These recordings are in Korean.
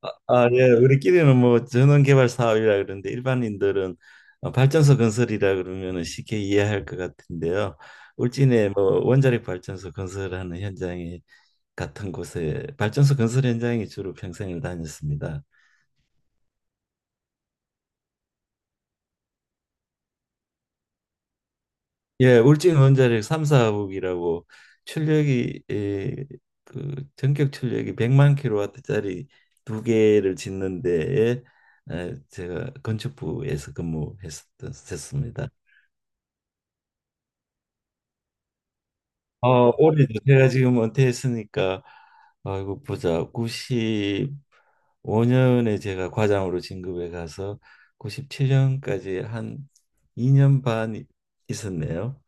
아, 예. 우리끼리는 뭐 전원개발 사업이라 그러는데 일반인들은 발전소 건설이라 그러면은 쉽게 이해할 것 같은데요. 울진에 뭐 원자력 발전소 건설하는 현장이 같은 곳에 발전소 건설 현장에 주로 평생을 다녔습니다. 예, 울진 원자력 3사국이라고 출력이 예, 그 전격 출력이 100만 킬로와트짜리 두 개를 짓는 데에 제가 건축부에서 근무했었습니다. 올해도 제가 지금 은퇴했으니까 아이고 보자. 95년에 제가 과장으로 진급해 가서 97년까지 한 2년 반 있었네요.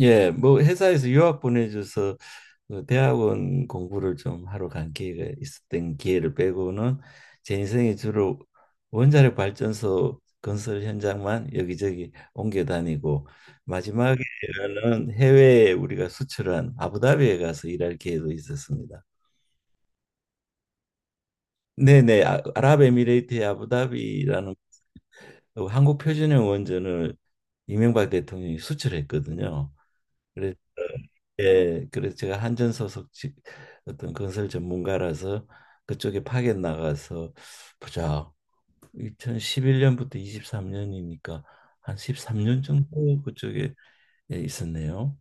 예, 뭐 회사에서 유학 보내줘서 그 대학원 공부를 좀 하러 간 기회가 있었던 기회를 빼고는 제 인생이 주로 원자력 발전소 건설 현장만 여기저기 옮겨 다니고 마지막에는 해외에 우리가 수출한 아부다비에 가서 일할 기회도 있었습니다. 네네, 아랍에미레이트의 아부다비라는 그 한국 표준형 원전을 이명박 대통령이 수출했거든요. 그래 예, 그래서 제가 한전소속 어떤 건설 전문가라서 그쪽에 파견 나가서 보자. 2011년부터 23년이니까 한 13년 정도 그쪽에 예, 있었네요.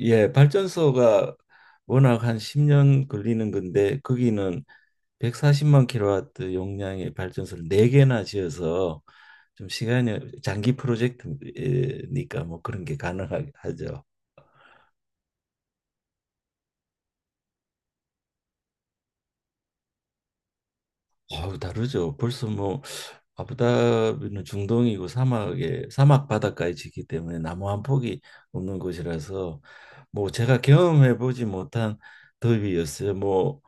예, 발전소가 워낙 한 10년 걸리는 건데 거기는 140만 킬로와트 용량의 발전소를 4개나 지어서 좀 시간이 장기 프로젝트니까 뭐 그런 게 가능하죠. 아우 다르죠. 벌써 뭐 아부다비는 중동이고 사막에 사막 바닷가에 지기 때문에 나무 한 폭이 없는 곳이라서 뭐 제가 경험해 보지 못한 더위였어요. 뭐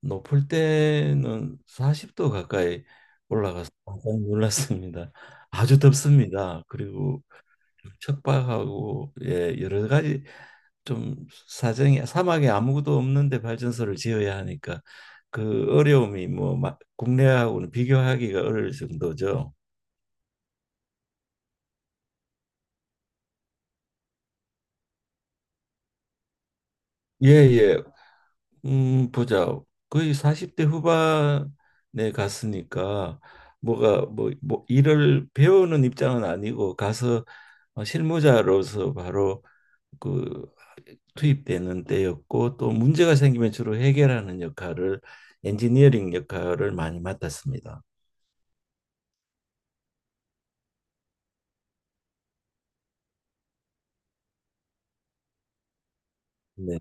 높을 때는 40도 가까이 올라가서 깜짝 놀랐습니다. 아주 덥습니다. 그리고 척박하고 예 여러 가지 좀 사정이 사막에 아무것도 없는데 발전소를 지어야 하니까 그 어려움이 뭐 국내하고는 비교하기가 어려울 정도죠. 예, 예. 보자. 거의 40대 후반에 갔으니까 뭐 일을 배우는 입장은 아니고 가서 실무자로서 바로 그 투입되는 때였고 또 문제가 생기면 주로 해결하는 역할을 엔지니어링 역할을 많이 맡았습니다. 네.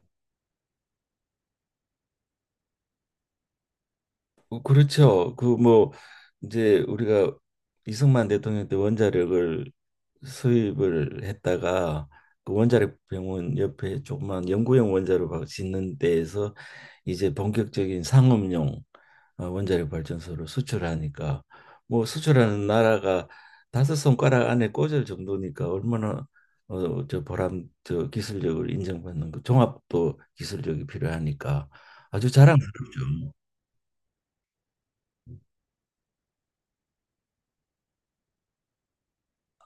그렇죠. 그 뭐 이제 우리가 이승만 대통령 때 원자력을 수입을 했다가 그 원자력 병원 옆에 조그만 연구용 원자로 짓는 데에서 이제 본격적인 상업용 원자력 발전소를 수출하니까 뭐 수출하는 나라가 다섯 손가락 안에 꽂을 정도니까 얼마나 어, 저 보람 저 기술력을 인정받는 그 종합도 기술력이 필요하니까 아주 자랑스럽죠.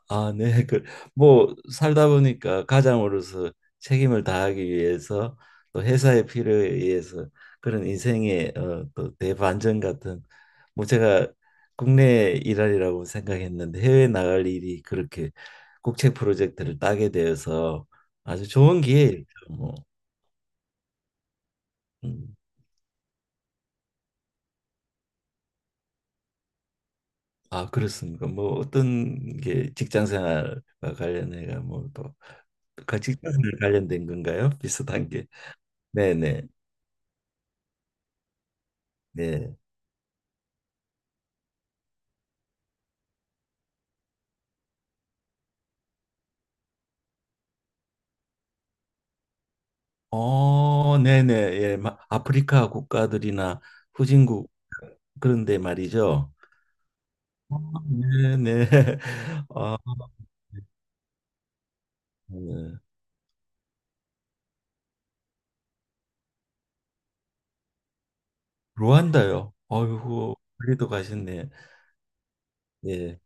아, 네. 그, 뭐 살다 보니까 가장으로서 책임을 다하기 위해서 또 회사의 필요에 의해서 그런 인생의 또 대반전 같은 뭐 제가 국내 일할이라고 생각했는데 해외 나갈 일이 그렇게 국책 프로젝트를 따게 되어서 아주 좋은 기회였죠. 뭐. 음. 아, 그렇습니까? 뭐 어떤 게 직장 생활과 관련해가 뭐또 직장 생활 관련된 건가요? 비슷한 게. 네, 네. 네. 네네. 예, 아프리카 국가들이나 후진국 그런데 말이죠. 어, 네네. 아, 네. 루안다요. 아이고, 멀리도 가셨네. 예.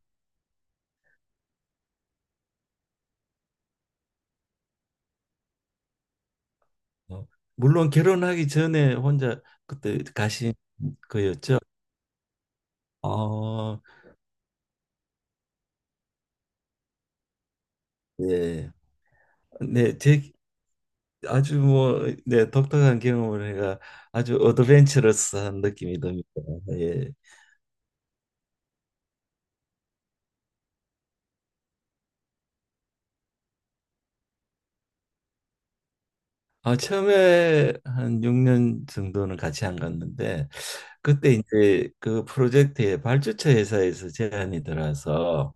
어, 물론 결혼하기 전에 혼자 그때 가신 거였죠. 아, 예. 네, 제 아주 뭐, 네, 독특한 경험을 해가 아주 어드벤처러스한 느낌이 듭니다. 예. 아, 처음에 한 6년 정도는 같이 안 갔는데 그때 이제 그 프로젝트에 발주처 회사에서 제안이 들어와서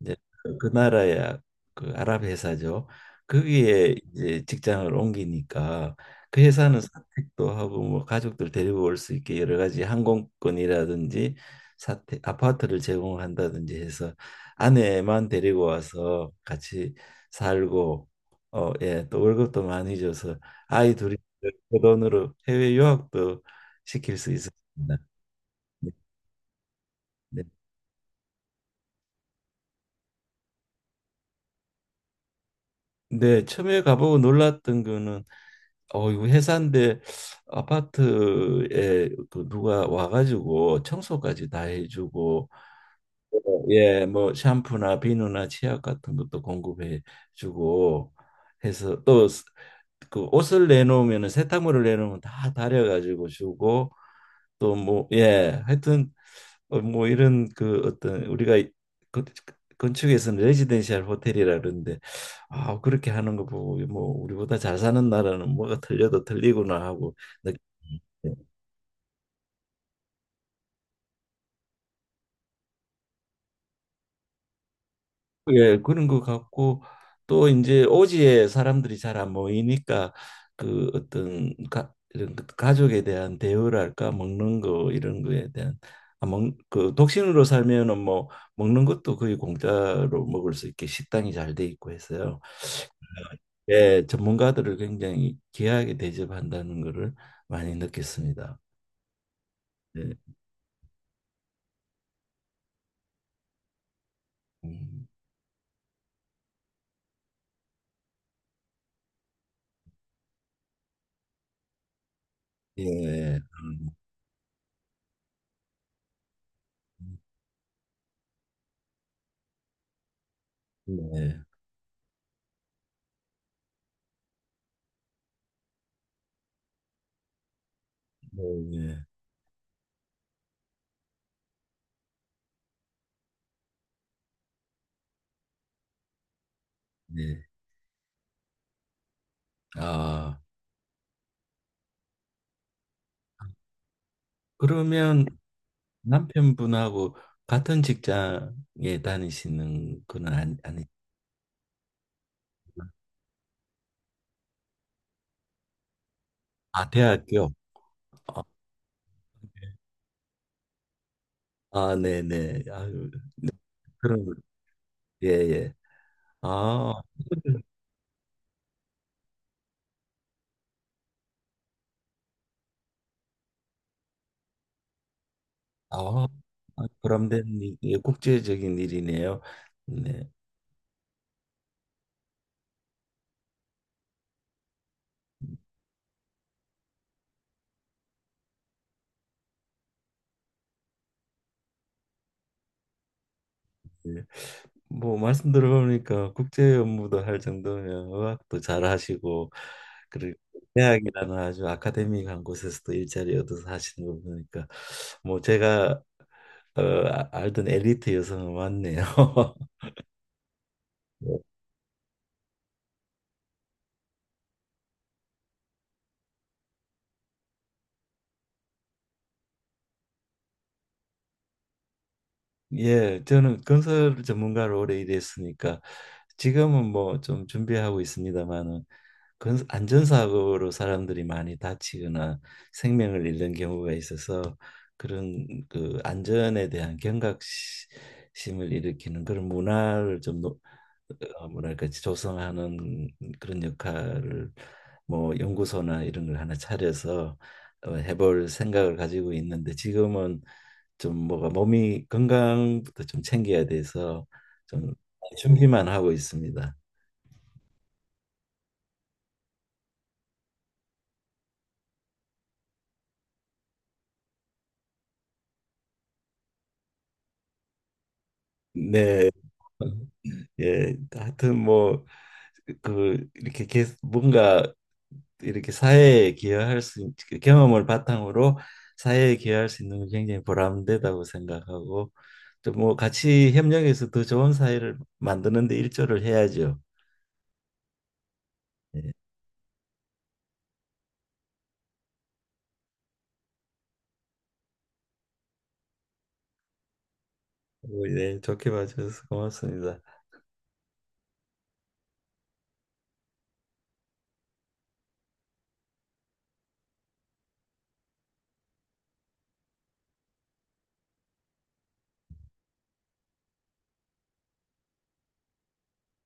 이제 그 나라야 그 아랍 회사죠. 거기에 이제 직장을 옮기니까 그 회사는 사택도 하고 뭐 가족들 데리고 올 수 있게 여러 가지 항공권이라든지 사택 아파트를 제공한다든지 해서 아내만 데리고 와서 같이 살고 예, 또 월급도 많이 줘서 아이 둘이 그 돈으로 해외 유학도 시킬 수 있었습니다. 네. 네, 네, 처음에 가보고 놀랐던 거는 이거 회사인데 아파트에 그 누가 와가지고 청소까지 다 해주고 예, 뭐 샴푸나 비누나 치약 같은 것도 공급해주고 해서 또 그 옷을 내놓으면 세탁물을 내놓으면 다 다려가지고 주고 또 뭐 예 하여튼 뭐 이런 그 어떤 우리가 그- 건축에서는 레지덴셜 호텔이라 그러는데 아 그렇게 하는 거 보고 뭐 우리보다 잘 사는 나라는 뭐가 틀려도 틀리구나 하고 느끼 예, 그런 것 같고 또 이제 오지에 사람들이 잘 안 모이니까 그 어떤 이런 그 가족에 대한 대우랄까 먹는 거 이런 거에 대한 그 독신으로 살면은 뭐 먹는 것도 거의 공짜로 먹을 수 있게 식당이 잘 돼 있고 해서요. 예, 전문가들을 굉장히 귀하게 대접한다는 거를 많이 느꼈습니다. 예. 음, 예. 네. 네. 네. 아, 그러면 남편분하고 같은 직장에 다니시는 건 아니, 아, 대학교. 아, 아, 네네. 아유, 그런 예, 예. 아, 아, 아, 보람된 일, 예, 국제적인 일이네요. 네. 예. 뭐, 말씀 들어보니까 국제 업무도 할 정도면 의학도 잘 하시고, 그리고 대학이라는 아주 아카데미한 곳에서도 일자리 얻어서 하시는 거 보니까, 뭐, 제가 어, 알던 엘리트 여성은 맞네요. 예, 저는 건설 전문가로 오래 일했으니까 지금은 뭐 좀 준비하고 있습니다만은 건 안전사고로 사람들이 많이 다치거나 생명을 잃는 경우가 있어서 그런 그 안전에 대한 경각심을 일으키는 그런 문화를 좀 뭐랄까 조성하는 그런 역할을 뭐 연구소나 이런 걸 하나 차려서 해볼 생각을 가지고 있는데 지금은 좀 뭐가 몸이 건강부터 좀 챙겨야 돼서 좀 준비만 하고 있습니다. 네. 예, 하여튼 뭐 그 이렇게 계속 뭔가 이렇게 사회에 기여할 수 그 경험을 바탕으로 사회에 기여할 수 있는 게 굉장히 보람되다고 생각하고 또 뭐 같이 협력해서 더 좋은 사회를 만드는 데 일조를 해야죠. 예. 뭐, 예, 좋게 봐주셔서 고맙습니다.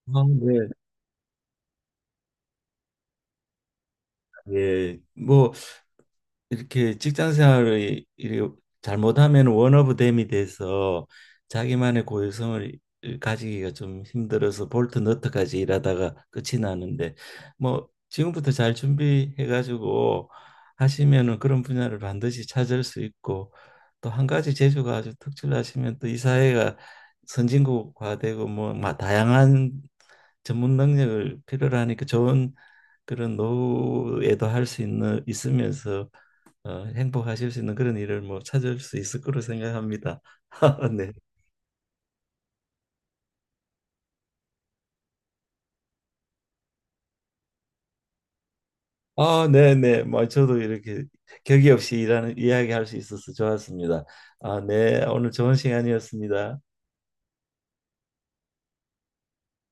아, 네. 예, 뭐 이렇게 직장 생활을 잘못하면 원 오브 댐이 돼서 자기만의 고유성을 가지기가 좀 힘들어서 볼트 너트까지 일하다가 끝이 나는데 뭐 지금부터 잘 준비해 가지고 하시면은 그런 분야를 반드시 찾을 수 있고 또 한 가지 재주가 아주 특출나시면 또 이 사회가 선진국화되고 뭐 다양한 전문 능력을 필요로 하니까 좋은 그런 노후에도 할 수 있는 있으면서 행복하실 수 있는 그런 일을 뭐 찾을 수 있을 거로 생각합니다. 네. 아, 네, 네. 뭐 저도 이렇게 격이 없이 일하는 이야기할 수 있어서 좋았습니다. 아, 네. 오늘 좋은 시간이었습니다.